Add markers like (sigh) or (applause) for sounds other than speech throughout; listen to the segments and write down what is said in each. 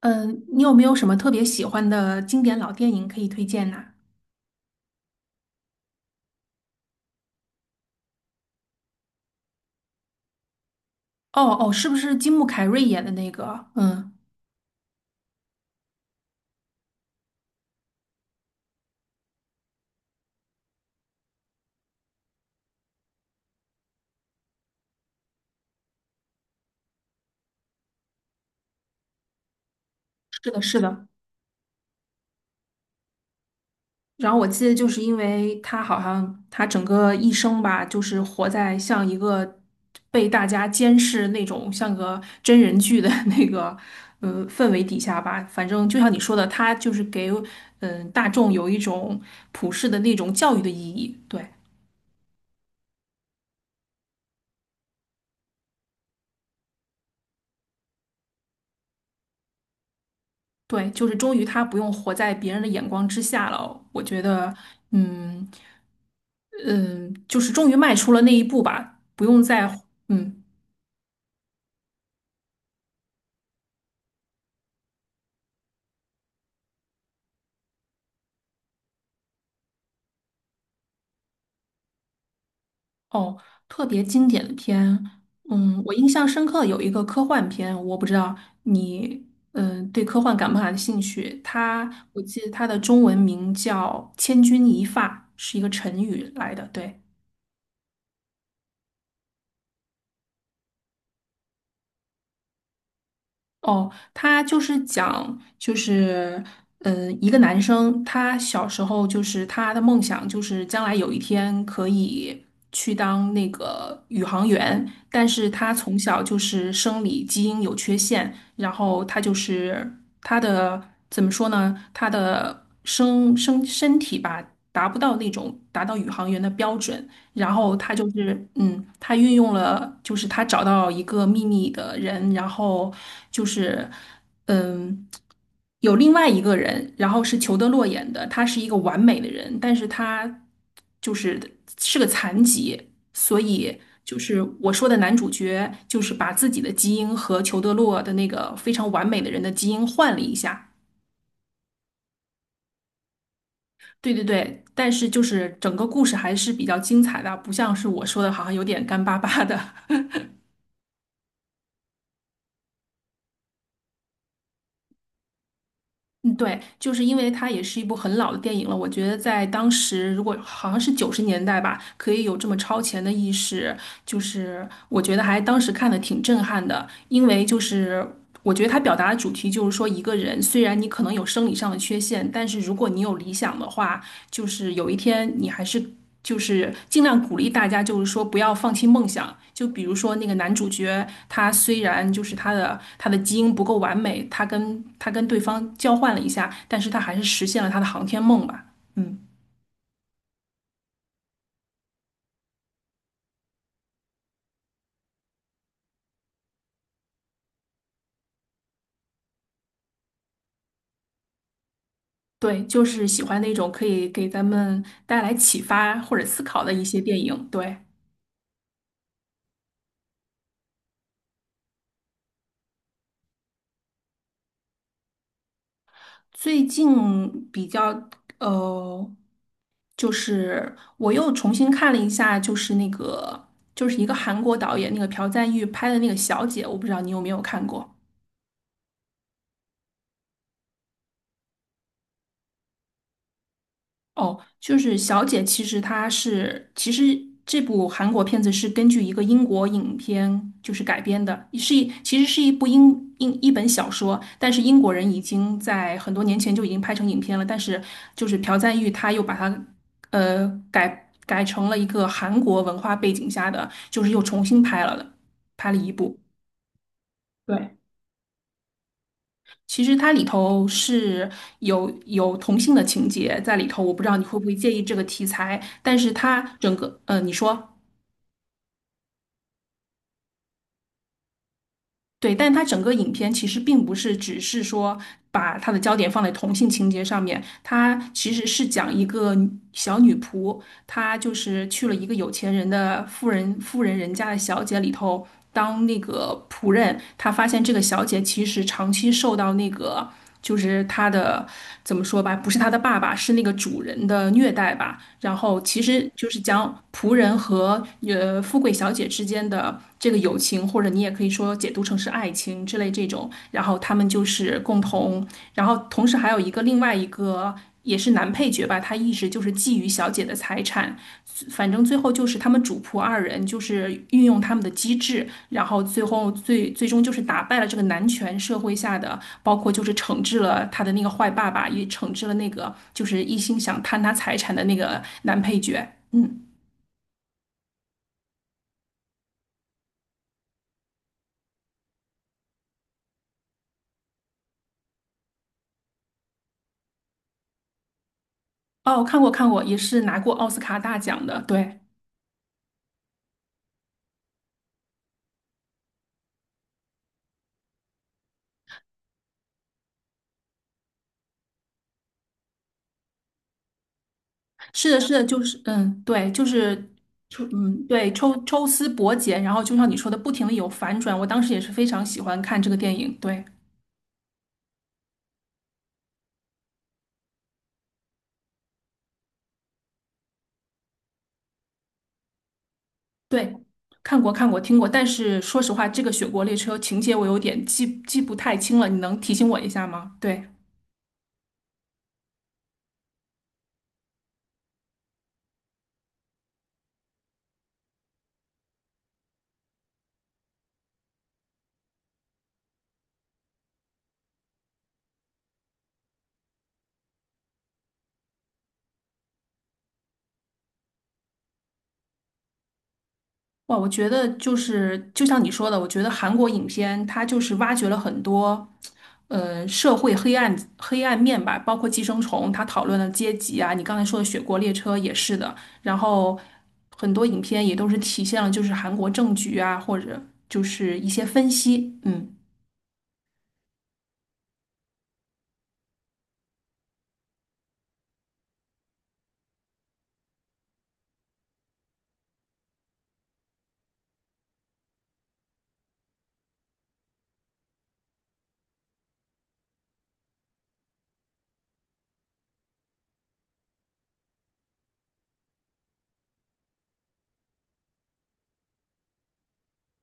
嗯，你有没有什么特别喜欢的经典老电影可以推荐呐？哦哦，是不是金木凯瑞演的那个？嗯，是的，是的。然后我记得，就是因为他好像他整个一生吧，就是活在像一个被大家监视那种像个真人剧的 (laughs) 那个氛围底下吧。反正就像你说的，他就是给大众有一种普世的那种教育的意义。对。对，就是终于他不用活在别人的眼光之下了。我觉得，嗯嗯，就是终于迈出了那一步吧，不用再嗯。哦，特别经典的片，嗯，我印象深刻有一个科幻片，我不知道你嗯对科幻感不感兴趣？它我记得它的中文名叫《千钧一发》，是一个成语来的，对。哦，他就是讲，就是，嗯，一个男生，他小时候就是他的梦想就是将来有一天可以去当那个宇航员，但是他从小就是生理基因有缺陷，然后他就是他的怎么说呢？他的生身体吧，达不到那种达到宇航员的标准，然后他就是，嗯，他运用了，就是他找到一个秘密的人，然后就是，嗯，有另外一个人，然后是裘德洛演的，他是一个完美的人，但是他就是是个残疾，所以就是我说的男主角，就是把自己的基因和裘德洛的那个非常完美的人的基因换了一下。对对对，但是就是整个故事还是比较精彩的，不像是我说的，好像有点干巴巴的。(laughs) 嗯，对，就是因为它也是一部很老的电影了，我觉得在当时，如果好像是90年代吧，可以有这么超前的意识，就是我觉得还当时看的挺震撼的，因为就是我觉得他表达的主题就是说，一个人虽然你可能有生理上的缺陷，但是如果你有理想的话，就是有一天你还是。就是尽量鼓励大家，就是说不要放弃梦想。就比如说那个男主角，他虽然就是他的基因不够完美，他跟对方交换了一下，但是他还是实现了他的航天梦吧。嗯。对，就是喜欢那种可以给咱们带来启发或者思考的一些电影。对，最近比较呃，就是我又重新看了一下，就是那个就是一个韩国导演那个朴赞郁拍的那个《小姐》，我不知道你有没有看过。哦，就是《小姐》，其实她是，其实这部韩国片子是根据一个英国影片就是改编的，是一其实是一部英一本小说，但是英国人已经在很多年前就已经拍成影片了，但是就是朴赞玉他又把它改成了一个韩国文化背景下的，就是又重新拍了的，拍了一部。对。其实它里头是有同性的情节在里头，我不知道你会不会介意这个题材，但是它整个，呃，你说对，但它整个影片其实并不是只是说把它的焦点放在同性情节上面，它其实是讲一个小女仆，他就是去了一个有钱人的富人人家的小姐里头当那个仆人，他发现这个小姐其实长期受到那个就是她的怎么说吧，不是她的爸爸，是那个主人的虐待吧。然后其实就是将仆人和富贵小姐之间的这个友情，或者你也可以说解读成是爱情之类这种。然后他们就是共同，然后同时还有一个另外一个也是男配角吧，他一直就是觊觎小姐的财产，反正最后就是他们主仆二人就是运用他们的机智，然后最后最终就是打败了这个男权社会下的，包括就是惩治了他的那个坏爸爸，也惩治了那个就是一心想贪他财产的那个男配角。嗯，哦，看过看过，也是拿过奥斯卡大奖的，对。是的，是的，就是嗯，对，就是嗯，对，抽丝剥茧，然后就像你说的，不停的有反转。我当时也是非常喜欢看这个电影，对对，看过看过听过，但是说实话，这个《雪国列车》情节我有点记不太清了，你能提醒我一下吗？对。哇，我觉得就是就像你说的，我觉得韩国影片它就是挖掘了很多，呃，社会黑暗面吧，包括《寄生虫》，它讨论了阶级啊，你刚才说的《雪国列车》也是的，然后很多影片也都是体现了就是韩国政局啊，或者就是一些分析，嗯，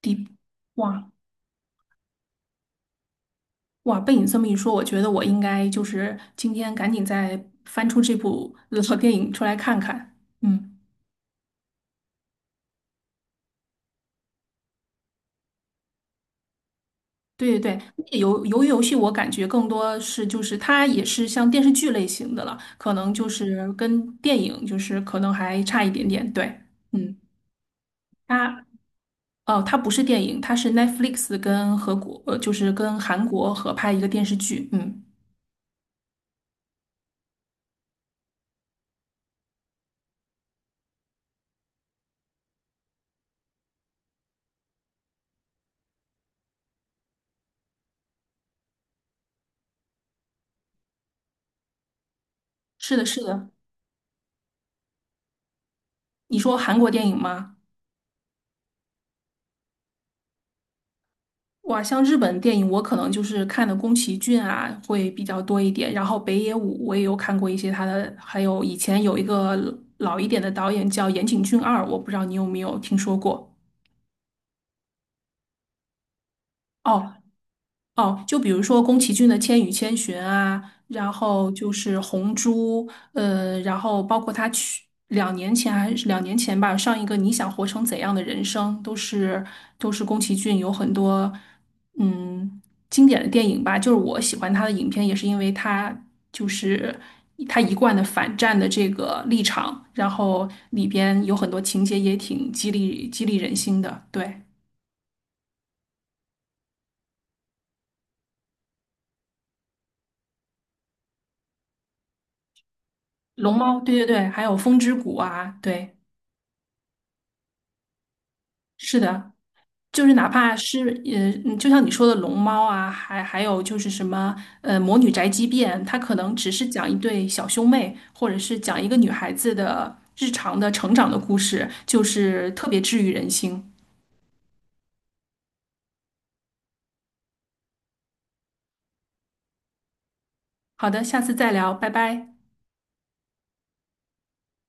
第哇哇，被你这么一说，我觉得我应该就是今天赶紧再翻出这部 (laughs) 老电影出来看看，嗯。对对对，那个鱿鱼游戏我感觉更多是就是它也是像电视剧类型的了，可能就是跟电影就是可能还差一点点。对，嗯，它哦，它不是电影，它是 Netflix 跟和国呃就是跟韩国合拍一个电视剧。嗯，是的，是的。你说韩国电影吗？哇，像日本电影，我可能就是看的宫崎骏啊会比较多一点，然后北野武我也有看过一些他的，还有以前有一个老一点的导演叫岩井俊二，我不知道你有没有听说过？哦，哦，就比如说宫崎骏的《千与千寻》啊，然后就是《红猪》，呃，然后包括他去两年前吧，上一个《你想活成怎样的人生》，都是都是宫崎骏有很多嗯经典的电影吧。就是我喜欢他的影片，也是因为他就是他一贯的反战的这个立场，然后里边有很多情节也挺激励人心的。对，《龙猫》，对对对，还有《风之谷》啊，对。是的，就是哪怕是嗯就像你说的龙猫啊，还有就是什么魔女宅急便，它可能只是讲一对小兄妹，或者是讲一个女孩子的日常的成长的故事，就是特别治愈人心。好的，下次再聊，拜拜。